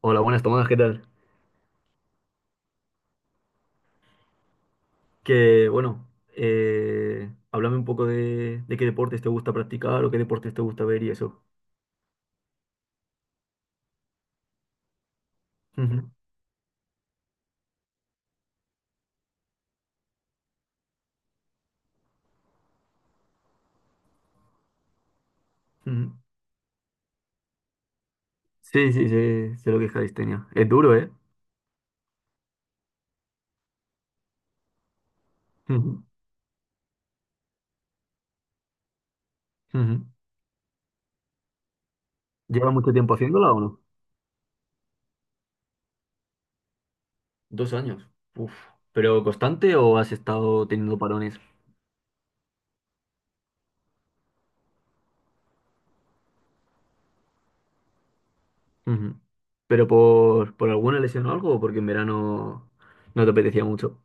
Hola, buenas, Tomás, ¿qué tal? Que bueno, háblame un poco de qué deportes te gusta practicar o qué deportes te gusta ver y eso. Ujú, ujú. Sí, sí, sé lo que es calistenia. Es duro, ¿eh? Ujú, ujú. ¿Llevas mucho tiempo haciéndola o no? 2 años. Uf. ¿Pero constante o has estado teniendo parones? Ujú. ¿Pero por alguna lesión o algo o porque en verano no te apetecía mucho?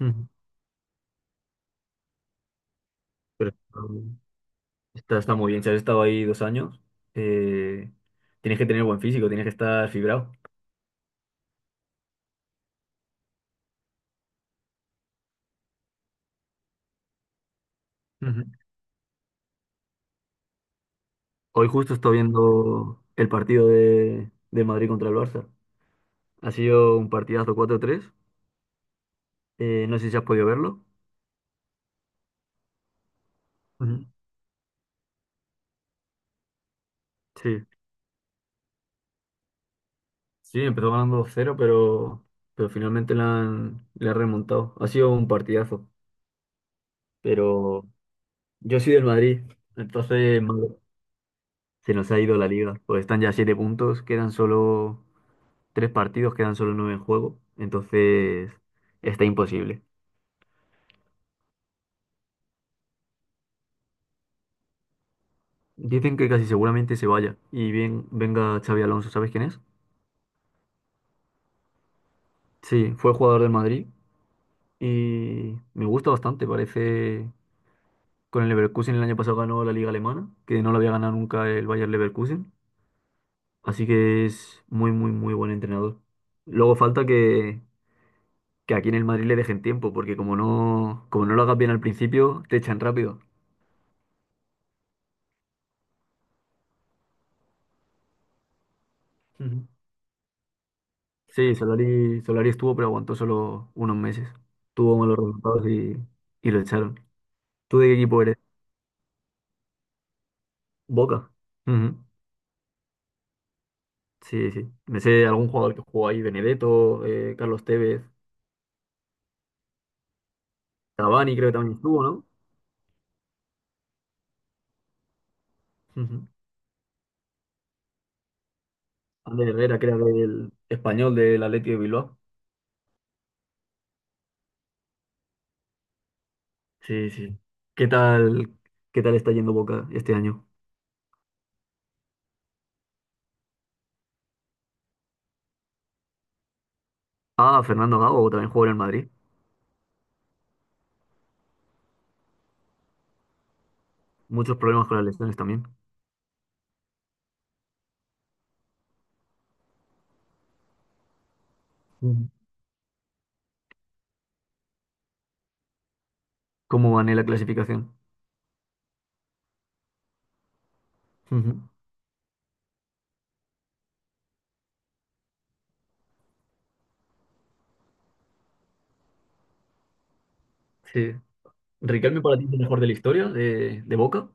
Ujú. Pero, está muy bien. Si has estado ahí 2 años, eh, tienes que tener buen físico, tienes que estar fibrado. Ujú. Hoy justo estoy viendo el partido de Madrid contra el Barça. Ha sido un partidazo 4-3. No sé si has podido verlo. Ujú. Sí. Sí, empezó ganando 2-0, pero finalmente le han remontado. Ha sido un partidazo. Pero yo soy del Madrid, entonces madre, se nos ha ido la liga. Pues están ya siete puntos, quedan solo tres partidos, quedan solo nueve en juego, entonces está imposible. Dicen que casi seguramente se vaya y bien venga Xavi Alonso, ¿sabes quién es? Sí, fue jugador del Madrid y me gusta bastante, parece con el Leverkusen el año pasado ganó la liga alemana, que no la había ganado nunca el Bayer Leverkusen, así que es muy muy muy buen entrenador. Luego falta que aquí en el Madrid le dejen tiempo, porque como no lo hagas bien al principio, te echan rápido. Ujú. Sí, Solari estuvo, pero aguantó solo unos meses. Tuvo malos resultados y lo echaron. ¿Tú de qué equipo eres? Boca. Ujú. Sí, sí. Me sé algún jugador que jugó ahí, Benedetto, Carlos Tevez, Cavani creo que también estuvo, ¿no? Ujú. Ander Herrera, que era del español del Athletic de Bilbao. Sí, sí. ¿Qué tal, qué tal está yendo Boca este año? Ah, Fernando Gago también jugó en el Madrid. Muchos problemas con las lesiones también. Ujú. ¿Cómo van en la clasificación? Ujú. Sí. ¿Riquelme para ti es el mejor de la historia de Boca?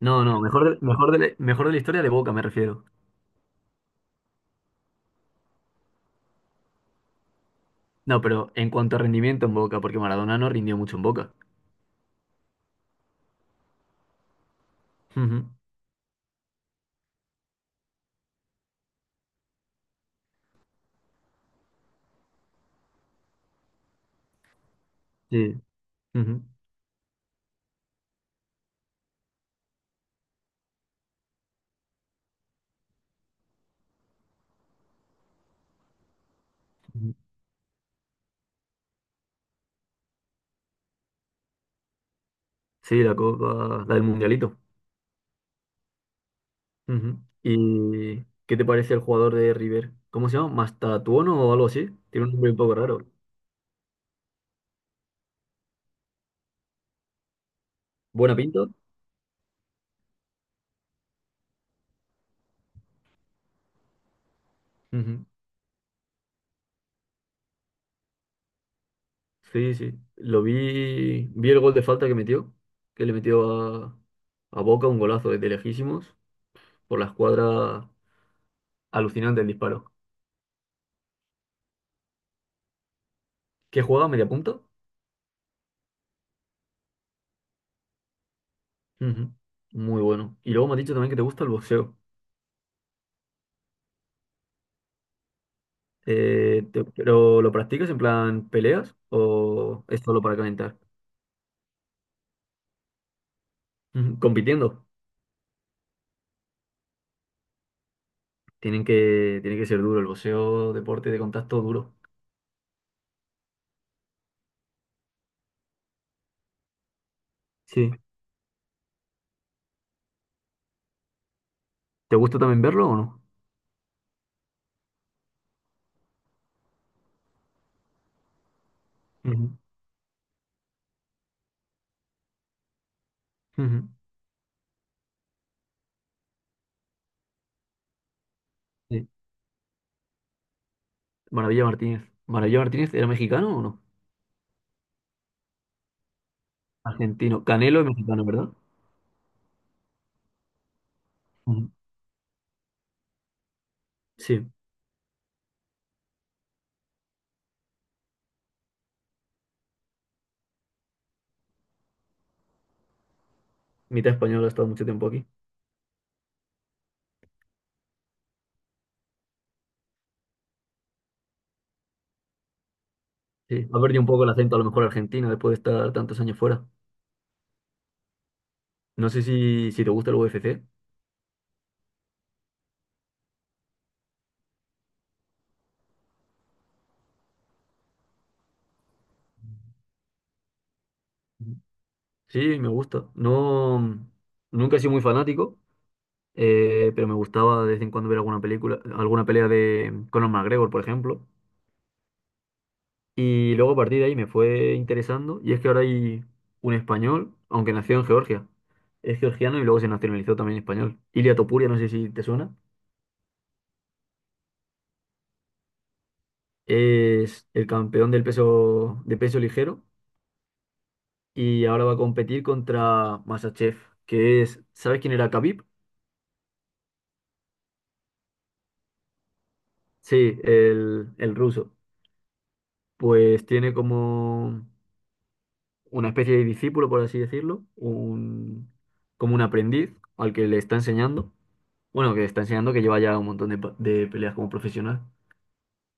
No, no, mejor de la historia de Boca me refiero. No, pero en cuanto a rendimiento en Boca, porque Maradona no rindió mucho en Boca. Ujú, sí, ujú, ujú. Sí, la Copa, la del Mundialito. Ujú. ¿Y qué te parece el jugador de River? ¿Cómo se llama? ¿Mastatuono o algo así? Tiene un nombre un poco raro. ¿Buena pinta? Ujú. Sí, sí. Lo vi el gol de falta que metió, que le metió a Boca un golazo desde lejísimos por la escuadra. Alucinante el disparo. ¿Qué juega? ¿Media punta? Ujú. Muy bueno. Y luego me has dicho también que te gusta el boxeo. ¿Pero lo practicas en plan peleas o es solo para calentar? Ujú. Compitiendo. Tiene que ser duro el boxeo, deporte de contacto duro. Sí. ¿Te gusta también verlo o no? Ujú. Ujú. Sí. Maravilla Martínez. ¿Maravilla Martínez era mexicano o no? Argentino. Canelo es mexicano, ¿verdad? Ujú. Sí. Mitad español, ha estado mucho tiempo aquí. Sí. Ha perdido un poco el acento a lo mejor argentino después de estar tantos años fuera. No sé si te gusta el UFC. Sí, me gusta. No, nunca he sido muy fanático, pero me gustaba de vez en cuando ver alguna película, alguna pelea de Conor McGregor, por ejemplo. Y luego a partir de ahí me fue interesando. Y es que ahora hay un español, aunque nació en Georgia. Es georgiano y luego se nacionalizó también español. Ilia Topuria, no sé si te suena. Es el campeón del peso, de peso ligero y ahora va a competir contra Masachev, que es, ¿sabes quién era Khabib? Sí, el ruso. Pues tiene como una especie de discípulo, por así decirlo, como un aprendiz al que le está enseñando, bueno, que le está enseñando que lleva ya un montón de peleas como profesional.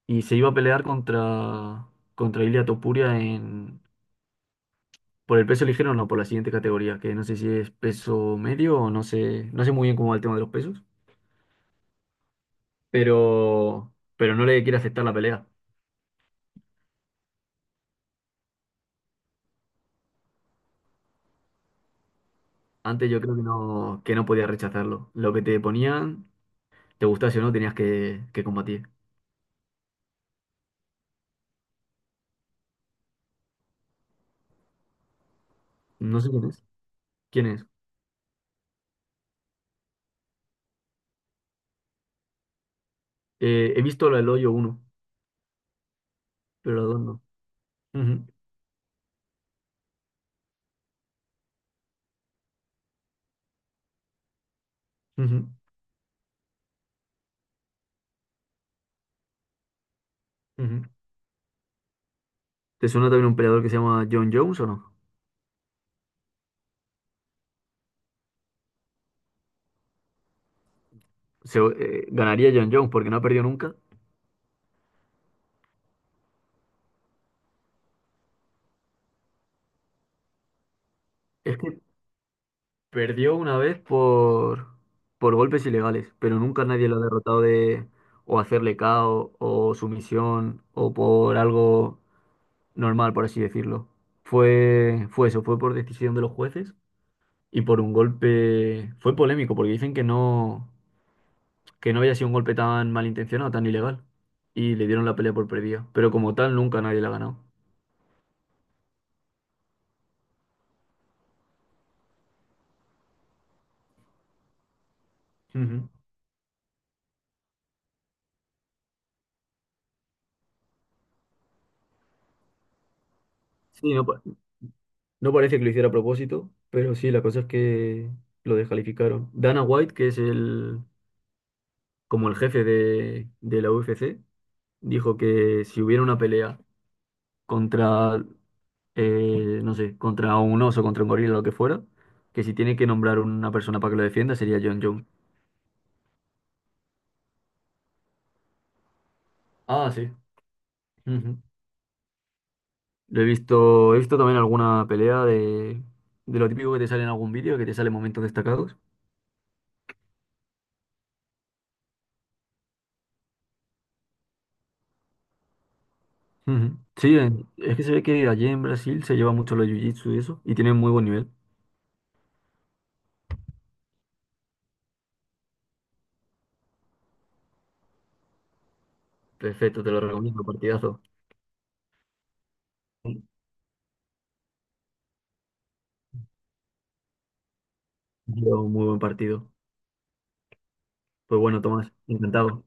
Y se iba a pelear contra Ilia Topuria por el peso ligero, no, por la siguiente categoría, que no sé si es peso medio o no sé, no sé muy bien cómo va el tema de los pesos, pero, pero no le quiere aceptar la pelea. Antes yo creo que no podía rechazarlo. Lo que te ponían. Te gusta si o no tenías que combatir. No sé quién es. ¿Quién es? He visto la del hoyo uno, pero la 2 no. Ujú, ujú, ujú. ¿Te suena también un peleador que se llama John Jones o no? Ganaría John Jones porque no ha perdido nunca. Es que perdió una vez por golpes ilegales, pero nunca nadie lo ha derrotado de o hacerle KO o sumisión o por algo normal, por así decirlo. Fue eso, fue por decisión de los jueces y por un golpe fue polémico porque dicen que no había sido un golpe tan malintencionado, tan ilegal y le dieron la pelea por perdida, pero como tal nunca nadie la ha ganado. Ujú. Sí, no, no parece que lo hiciera a propósito, pero sí, la cosa es que lo descalificaron. Dana White, que es el como el jefe de la UFC, dijo que si hubiera una pelea contra no sé, contra un oso, contra un gorila, lo que fuera, que si tiene que nombrar una persona para que lo defienda sería John Jones. Ah, sí. Ujú. He visto también alguna pelea de lo típico que te sale en algún vídeo, que te salen momentos destacados. Ujú. Sí, es que se ve que allí en Brasil se lleva mucho los jiu-jitsu y eso, y tienen muy buen nivel. Perfecto, te lo recomiendo, partidazo. Lleva un muy buen partido. Pues bueno, Tomás, encantado.